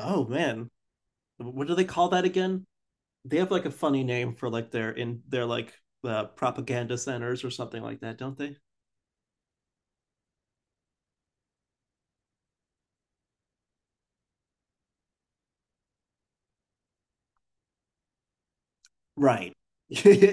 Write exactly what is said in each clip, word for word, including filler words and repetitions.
Oh man, what do they call that again? They have like a funny name for like their in their like uh, propaganda centers or something like that, don't they? Right.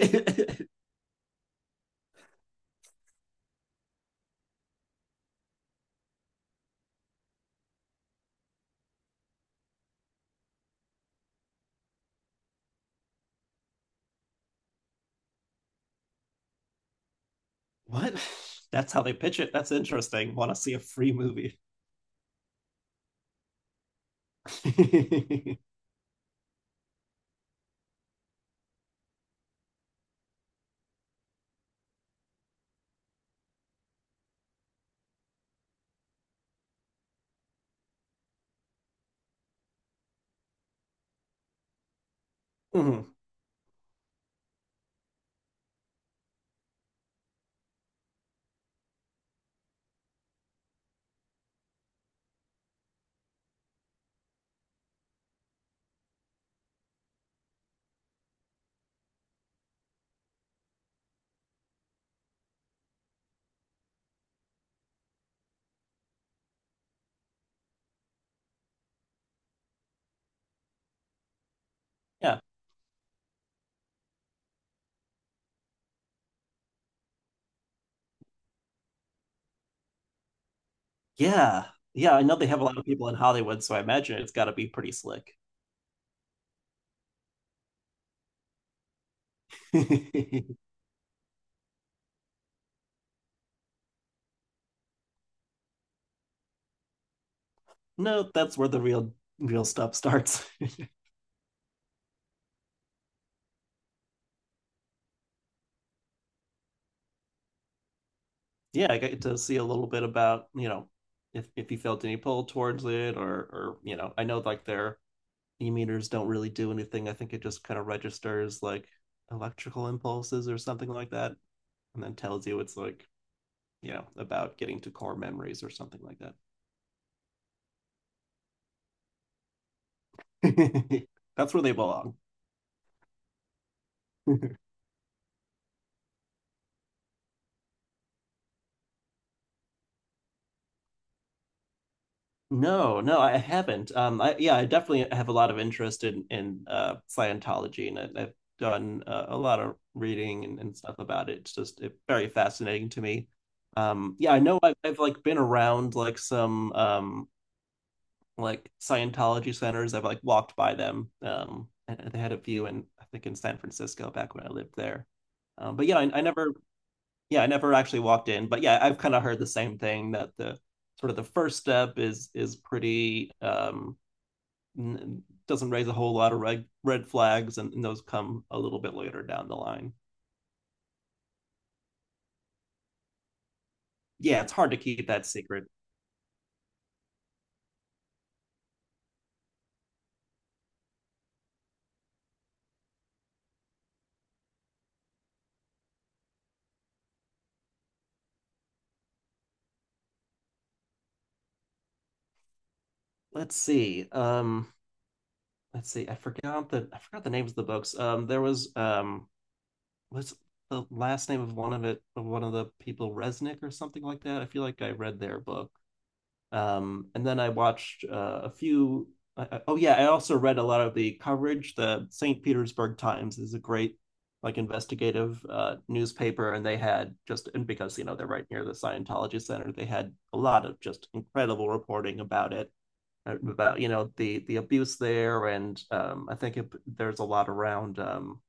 What? That's how they pitch it. That's interesting. Want to see a free movie? Mhm. Yeah. Yeah. Yeah, I know they have a lot of people in Hollywood, so I imagine it's got to be pretty slick. No, that's where the real real stuff starts. Yeah, I get to see a little bit about, you know, if if he felt any pull towards it, or or you know, I know like their e-meters don't really do anything. I think it just kind of registers like electrical impulses or something like that, and then tells you it's like, you know, about getting to core memories or something like that. That's where they belong. No, no, I haven't. Um, I yeah, I definitely have a lot of interest in in uh, Scientology, and I, I've done uh, a lot of reading and, and stuff about it. It's just it, very fascinating to me. Um, yeah, I know I've, I've like been around like some um like Scientology centers. I've like walked by them. Um, and they had a few in I think in San Francisco back when I lived there. Um, but yeah, I, I never Yeah, I never actually walked in, but yeah, I've kind of heard the same thing that the sort of, the first step is is pretty um n- doesn't raise a whole lot of red red flags, and, and those come a little bit later down the line. Yeah, it's hard to keep that secret. Let's see. Um let's see. I forgot the I forgot the names of the books. Um there was um what's the last name of one of it of one of the people, Resnick or something like that. I feel like I read their book. Um, and then I watched uh, a few. I, oh yeah, I also read a lot of the coverage. The Saint Petersburg Times is a great, like, investigative uh, newspaper, and they had just, and because you know they're right near the Scientology Center, they had a lot of just incredible reporting about it, uh, about you know the the abuse there, and um, I think it, there's a lot around. Um,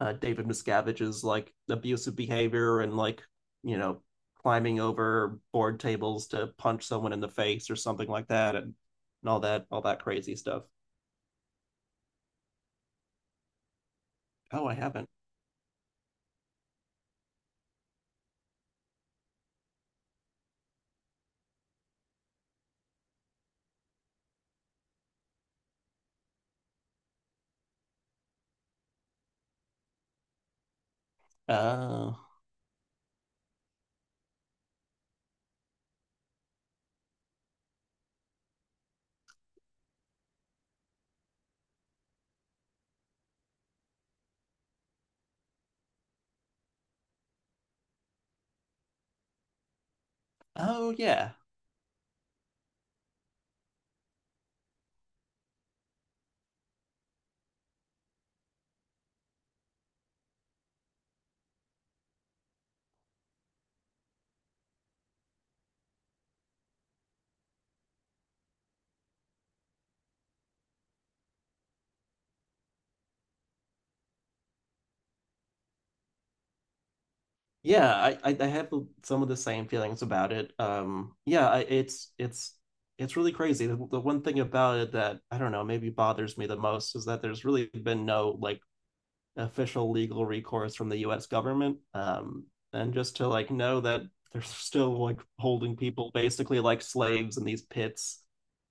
uh, David Miscavige's like abusive behavior and like you know climbing over board tables to punch someone in the face or something like that, and, and all that all that crazy stuff. Oh, I haven't. Uh, oh yeah, yeah. I, I I have some of the same feelings about it. Um, yeah, I, it's it's it's really crazy. The, the one thing about it that I don't know maybe bothers me the most is that there's really been no like official legal recourse from the U S government, um, and just to like know that they're still like holding people basically like slaves in these pits,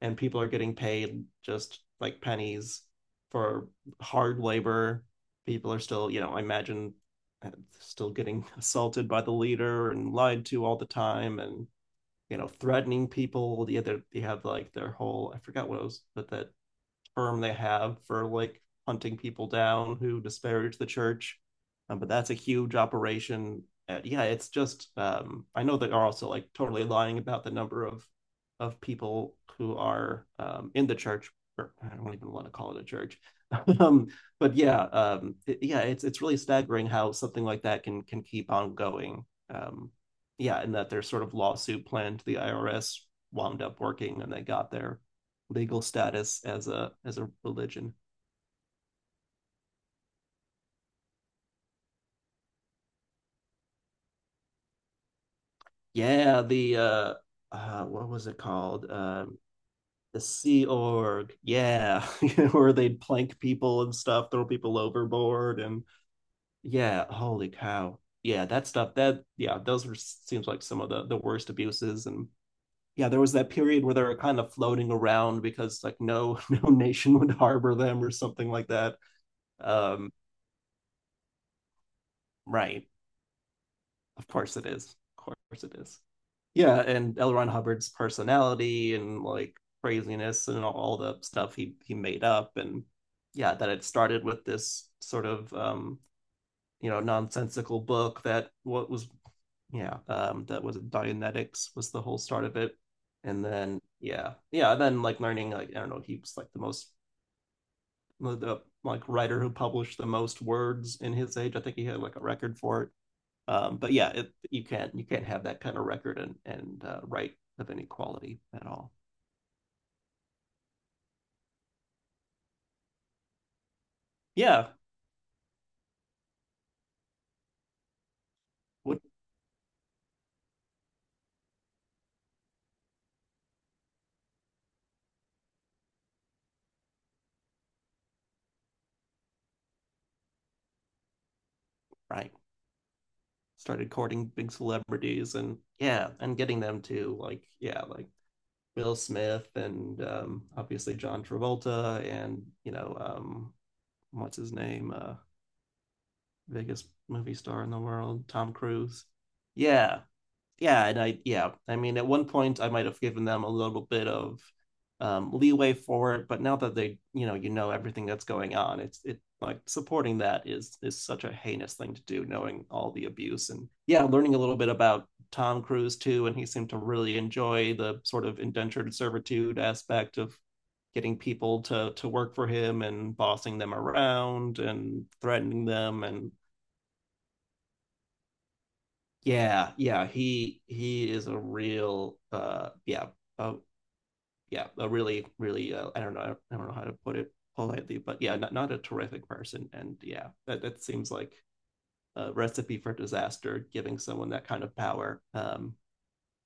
and people are getting paid just like pennies for hard labor. People are still, you know, I imagine uh, still getting assaulted by the leader and lied to all the time, and you know, threatening people. Yeah, they they have like their whole, I forgot what it was, but that term they have for like hunting people down who disparage the church. Um, but that's a huge operation. Uh, yeah, it's just um, I know they are also like totally lying about the number of of people who are um, in the church. Or I don't even want to call it a church. um, but yeah, um, it, yeah, it's it's really staggering how something like that can can keep on going. Um, yeah, and that their sort of lawsuit plan to the I R S wound up working, and they got their legal status as a as a religion. Yeah, the uh, uh what was it called? Um, the Sea Org. Yeah. Where they'd plank people and stuff, throw people overboard, and yeah, holy cow. Yeah, that stuff. That Yeah, those were, seems like some of the the worst abuses, and yeah, there was that period where they were kind of floating around because like no no nation would harbor them or something like that. Um, right. Of course it is. Of course it is. Yeah, and L. Ron Hubbard's personality and like craziness and all the stuff he he made up, and yeah, that it started with this sort of um, you know, nonsensical book that, what was, yeah, um, that was Dianetics was the whole start of it, and then yeah, yeah, and then like learning like I don't know he was like the most, the like writer who published the most words in his age, I think he had like a record for it. um, but yeah, it, you can't you can't have that kind of record, and and uh, right, of any quality at all. Yeah, would, right, started courting big celebrities, and yeah, and getting them to like yeah like Will Smith, and um, obviously John Travolta, and you know um, what's his name, uh, biggest movie star in the world, Tom Cruise. Yeah, yeah, and I yeah, I mean at one point I might have given them a little bit of um, leeway for it, but now that they you know, you know everything that's going on, it's it like supporting that is is such a heinous thing to do, knowing all the abuse, and yeah, learning a little bit about Tom Cruise too, and he seemed to really enjoy the sort of indentured servitude aspect of getting people to to work for him, and bossing them around and threatening them, and yeah, yeah, he he is a real uh yeah, uh, yeah, a really really uh, I don't know, I don't know how to put it politely, but yeah, not, not a terrific person, and yeah, that that seems like a recipe for disaster, giving someone that kind of power. Um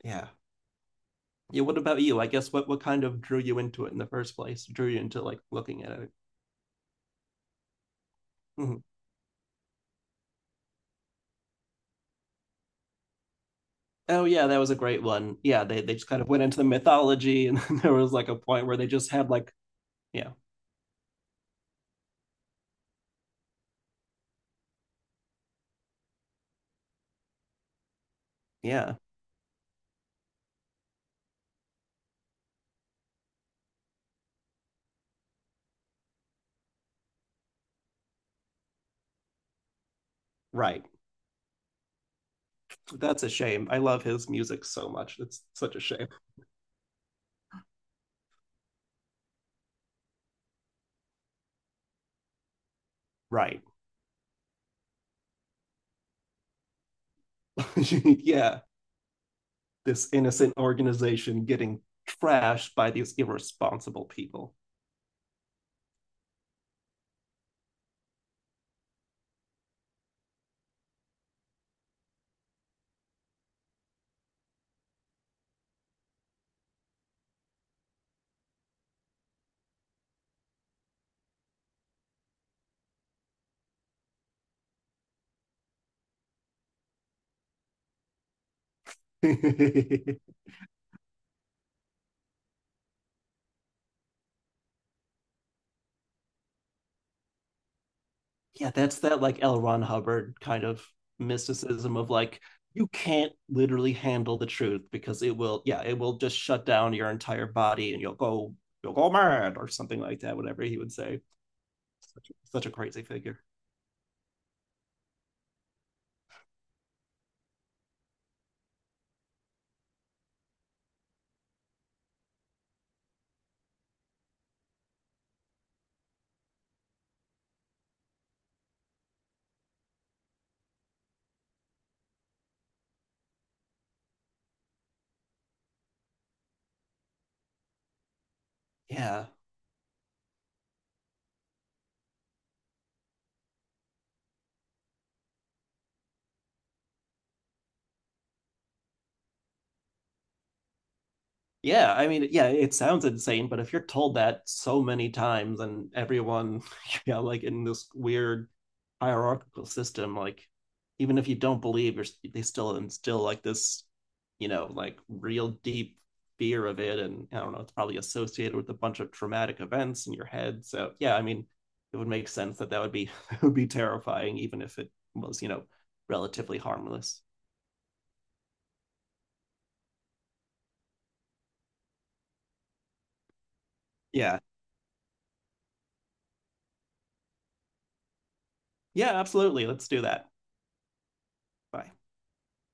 yeah. Yeah, what about you? I guess what what kind of drew you into it in the first place? Drew you into like looking at it? Mhm. Oh yeah, that was a great one. Yeah, they they just kind of went into the mythology, and there was like a point where they just had like yeah, yeah, right. That's a shame. I love his music so much. It's such a shame. Right. Yeah. This innocent organization getting trashed by these irresponsible people. Yeah, that's that like L. Ron Hubbard kind of mysticism of like, you can't literally handle the truth because it will, yeah, it will just shut down your entire body, and you'll go, you'll go mad or something like that, whatever he would say. Such a, such a crazy figure. Yeah. Yeah, I mean, yeah, it sounds insane, but if you're told that so many times, and everyone, yeah, like in this weird hierarchical system, like even if you don't believe, you're, they still instill like this, you know, like real deep fear of it. And I don't know, it's probably associated with a bunch of traumatic events in your head. So yeah, I mean, it would make sense that that would be it would be terrifying, even if it was, you know, relatively harmless. Yeah, yeah, absolutely. Let's do that. Bye.